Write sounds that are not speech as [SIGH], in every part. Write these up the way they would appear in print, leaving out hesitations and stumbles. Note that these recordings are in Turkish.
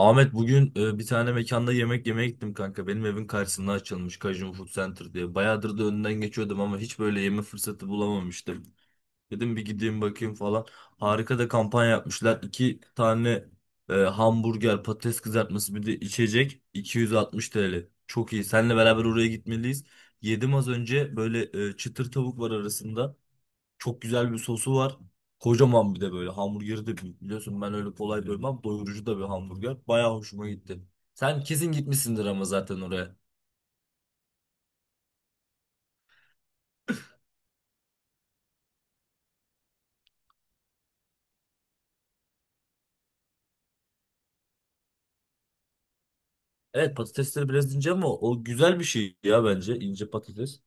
Ahmet bugün bir tane mekanda yemek yemeye gittim kanka. Benim evin karşısında açılmış Cajun Food Center diye. Bayağıdır da önünden geçiyordum ama hiç böyle yeme fırsatı bulamamıştım. Dedim bir gideyim bakayım falan. Harika da kampanya yapmışlar. İki tane hamburger, patates kızartması bir de içecek 260 TL. Çok iyi. Seninle beraber oraya gitmeliyiz. Yedim az önce böyle çıtır tavuk var arasında. Çok güzel bir sosu var. Kocaman bir de böyle hamburgeri de büyük. Biliyorsun ben öyle kolay doymam. Doyurucu da bir hamburger. Bayağı hoşuma gitti. Sen kesin gitmişsindir ama zaten oraya. Evet, patatesleri biraz ince ama o güzel bir şey ya, bence ince patates.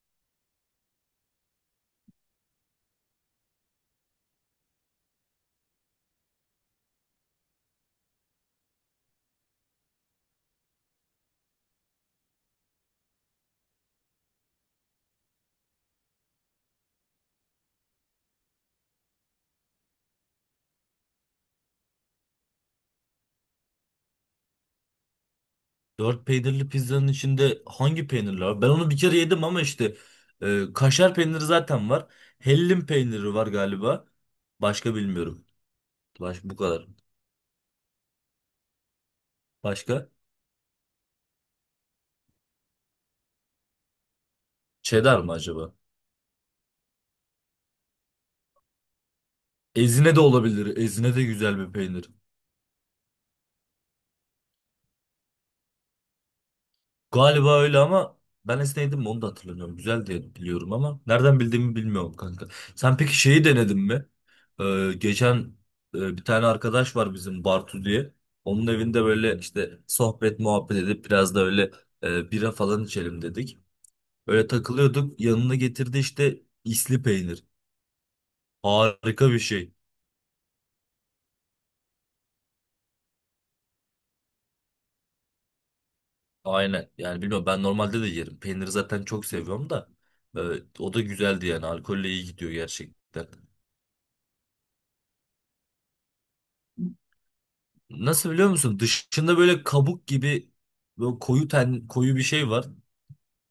Dört peynirli pizzanın içinde hangi peynirler var? Ben onu bir kere yedim ama işte kaşar peyniri zaten var. Hellim peyniri var galiba. Başka bilmiyorum. Bu kadar. Başka? Cheddar mı acaba? Ezine de olabilir. Ezine de güzel bir peynir. Galiba öyle ama ben esneydim mi onu da hatırlamıyorum. Güzel diye biliyorum ama nereden bildiğimi bilmiyorum kanka. Sen peki şeyi denedin mi? Geçen bir tane arkadaş var bizim, Bartu diye. Onun evinde böyle işte sohbet muhabbet edip biraz da öyle bira falan içelim dedik. Öyle takılıyorduk. Yanına getirdi işte isli peynir. Harika bir şey. Aynen. Yani bilmiyorum, ben normalde de yerim. Peyniri zaten çok seviyorum da. e, O da güzeldi yani. Alkolle iyi gidiyor gerçekten. Nasıl, biliyor musun? Dışında böyle kabuk gibi böyle koyu ten, koyu bir şey var.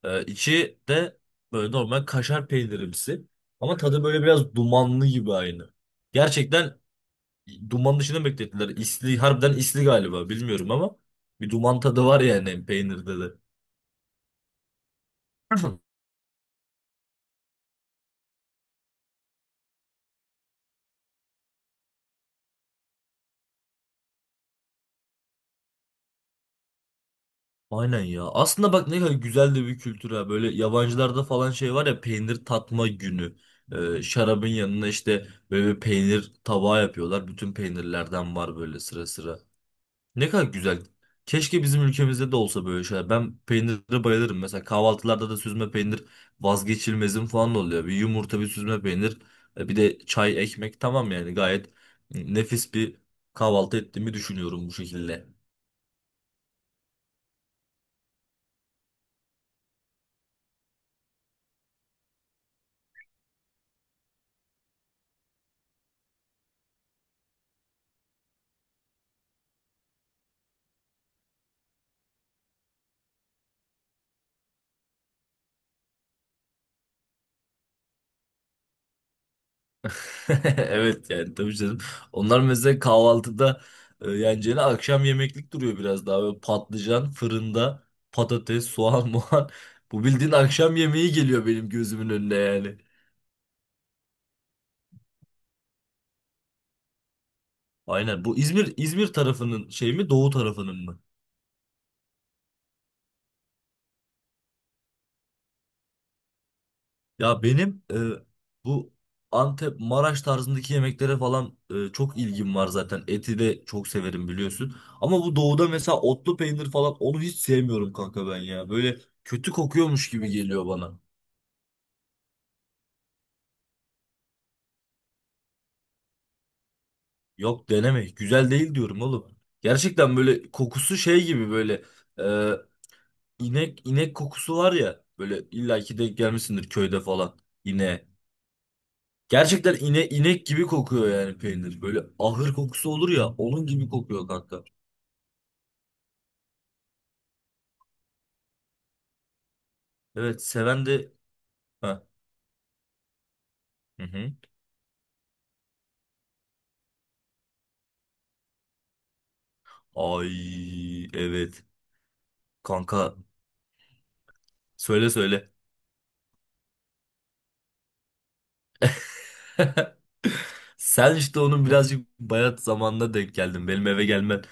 İçi de böyle normal kaşar peynirimsi. Ama tadı böyle biraz dumanlı gibi aynı. Gerçekten duman dışında beklettiler. İsli, harbiden isli galiba, bilmiyorum ama bir duman tadı var yani peynirde de. [CLEARS THROAT] Aynen ya. Aslında bak, ne kadar güzel de bir kültür ha. Böyle yabancılarda falan şey var ya, peynir tatma günü. Şarabın yanına işte böyle bir peynir tabağı yapıyorlar. Bütün peynirlerden var böyle sıra sıra. Ne kadar güzel. Keşke bizim ülkemizde de olsa böyle şeyler. Ben peynire bayılırım. Mesela kahvaltılarda da süzme peynir vazgeçilmezim falan oluyor. Bir yumurta, bir süzme peynir, bir de çay, ekmek, tamam yani, gayet nefis bir kahvaltı ettiğimi düşünüyorum bu şekilde. [LAUGHS] Evet yani, tabii canım. Onlar mesela kahvaltıda yeneceğine akşam yemeklik duruyor biraz daha. Böyle patlıcan fırında, patates, soğan, [LAUGHS] muhan. Bu bildiğin akşam yemeği geliyor benim gözümün önüne yani. Aynen. Bu İzmir tarafının şey mi, doğu tarafının mı? Ya benim bu Antep, Maraş tarzındaki yemeklere falan çok ilgim var zaten. Eti de çok severim, biliyorsun. Ama bu doğuda mesela otlu peynir falan, onu hiç sevmiyorum kanka ben ya. Böyle kötü kokuyormuş gibi geliyor bana. Yok, deneme. Güzel değil diyorum oğlum. Gerçekten böyle kokusu şey gibi, böyle e, inek inek kokusu var ya. Böyle illaki denk gelmişsindir köyde falan ineğe. Gerçekten inek gibi kokuyor yani peynir. Böyle ahır kokusu olur ya, onun gibi kokuyor kanka. Evet, seven de... Ha. Hı hı. Ay evet. Kanka, söyle söyle. Sen işte onun birazcık bayat zamanına denk geldin. Benim eve gelmen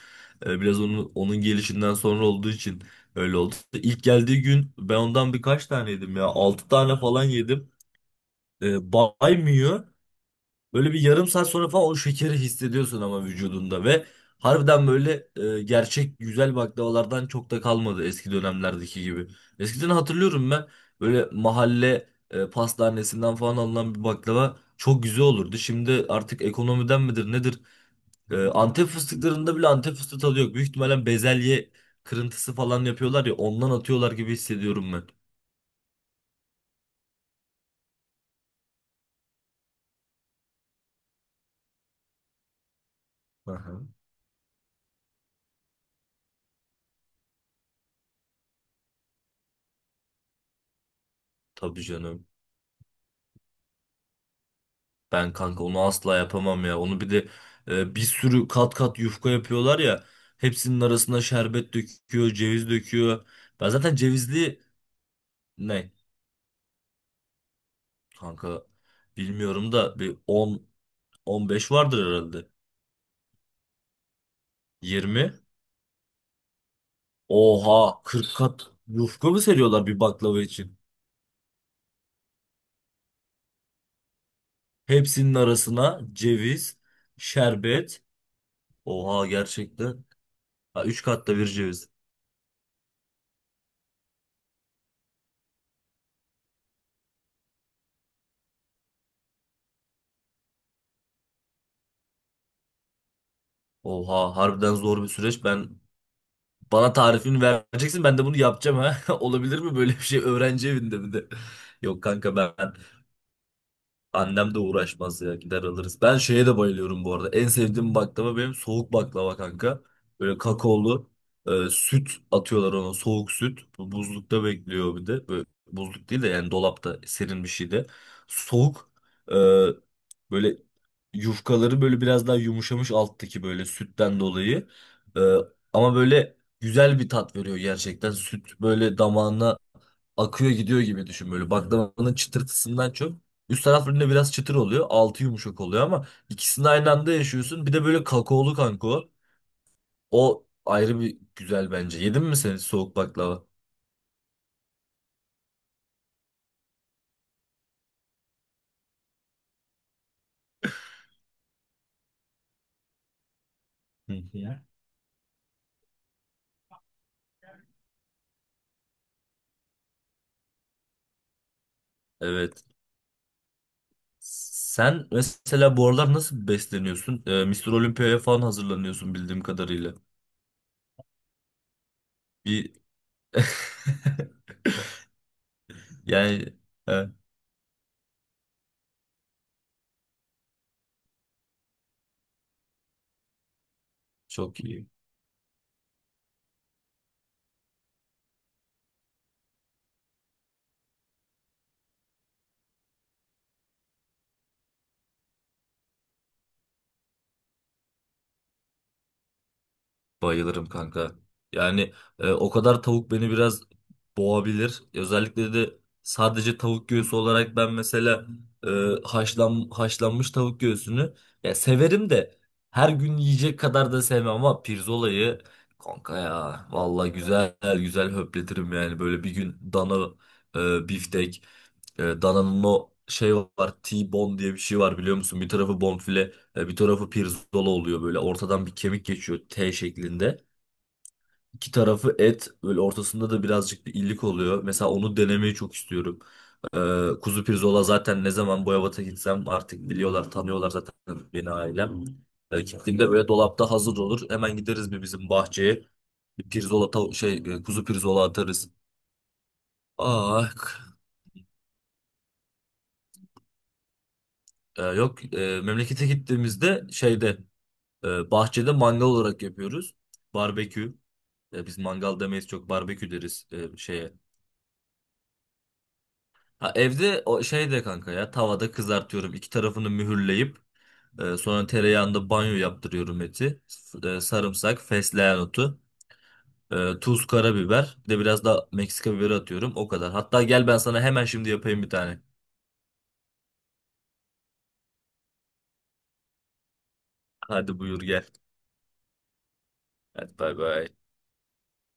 biraz onun gelişinden sonra olduğu için öyle oldu. İlk geldiği gün ben ondan birkaç tane yedim ya. Altı tane falan yedim. Baymıyor. Böyle bir yarım saat sonra falan o şekeri hissediyorsun ama vücudunda, ve harbiden böyle gerçek güzel baklavalardan çok da kalmadı eski dönemlerdeki gibi. Eskiden hatırlıyorum ben, böyle mahalle pastanesinden falan alınan bir baklava çok güzel olurdu. Şimdi artık ekonomiden midir nedir? Antep fıstıklarında bile Antep fıstığı tadı yok. Büyük ihtimalle bezelye kırıntısı falan yapıyorlar ya, ondan atıyorlar gibi hissediyorum ben. Aha. Tabii canım. Ben kanka onu asla yapamam ya. Onu bir de bir sürü kat kat yufka yapıyorlar ya. Hepsinin arasına şerbet döküyor, ceviz döküyor. Ben zaten cevizli ne, kanka bilmiyorum da, bir 10 15 vardır herhalde. 20. Oha, 40 kat yufka mı seriyorlar bir baklava için? Hepsinin arasına ceviz, şerbet. Oha, gerçekten. Ha, 3 katta bir ceviz. Oha, harbiden zor bir süreç. Bana tarifini vereceksin, ben de bunu yapacağım ha. [LAUGHS] Olabilir mi böyle bir şey öğrenci evinde, bir de. [LAUGHS] Yok kanka annem de uğraşmaz ya, gider alırız. Ben şeye de bayılıyorum bu arada. En sevdiğim baklava benim, soğuk baklava kanka. Böyle kakaolu süt atıyorlar ona, soğuk süt. Bu buzlukta bekliyor bir de. Böyle, buzluk değil de yani dolapta, serin bir şeyde. Soğuk e, böyle yufkaları böyle biraz daha yumuşamış alttaki, böyle sütten dolayı. E, Ama böyle güzel bir tat veriyor gerçekten. Süt böyle damağına akıyor gidiyor gibi düşün, böyle baklavanın çıtırtısından çok. Üst taraflarında biraz çıtır oluyor. Altı yumuşak oluyor ama ikisini aynı anda yaşıyorsun. Bir de böyle kakaolu kanka o. O ayrı bir güzel bence. Yedin mi sen soğuk baklava? Hı. Evet. Sen mesela bu aralar nasıl besleniyorsun? Mr. Olympia'ya falan hazırlanıyorsun bildiğim kadarıyla. Bir [LAUGHS] yani, e, çok iyi. Bayılırım kanka. Yani o kadar tavuk beni biraz boğabilir. Özellikle de sadece tavuk göğsü olarak, ben mesela e, haşlanmış tavuk göğsünü ya severim de her gün yiyecek kadar da sevmem, ama pirzolayı kanka ya, vallahi güzel güzel höpletirim yani. Böyle bir gün dana biftek, Dana'nın o şey var, T-bone diye bir şey var biliyor musun? Bir tarafı bonfile bir tarafı pirzola oluyor, böyle ortadan bir kemik geçiyor T şeklinde. İki tarafı et, böyle ortasında da birazcık bir illik oluyor. Mesela onu denemeyi çok istiyorum. Kuzu pirzola zaten, ne zaman Boyabat'a gitsem artık biliyorlar, tanıyorlar zaten beni, ailem. Gittiğimde böyle dolapta hazır olur. Hemen gideriz bir bizim bahçeye. Bir pirzola şey, kuzu pirzola atarız. Ah, k- yok, memlekete gittiğimizde şeyde, bahçede mangal olarak yapıyoruz. Barbekü. Biz mangal demeyiz, çok barbekü deriz şeye. Ha, evde o şeyde kanka ya, tavada kızartıyorum. İki tarafını mühürleyip sonra tereyağında banyo yaptırıyorum eti. Sarımsak, fesleğen otu, tuz, karabiber. Bir de biraz da Meksika biberi atıyorum. O kadar. Hatta gel, ben sana hemen şimdi yapayım bir tane. Hadi buyur gel. Hadi bay bay.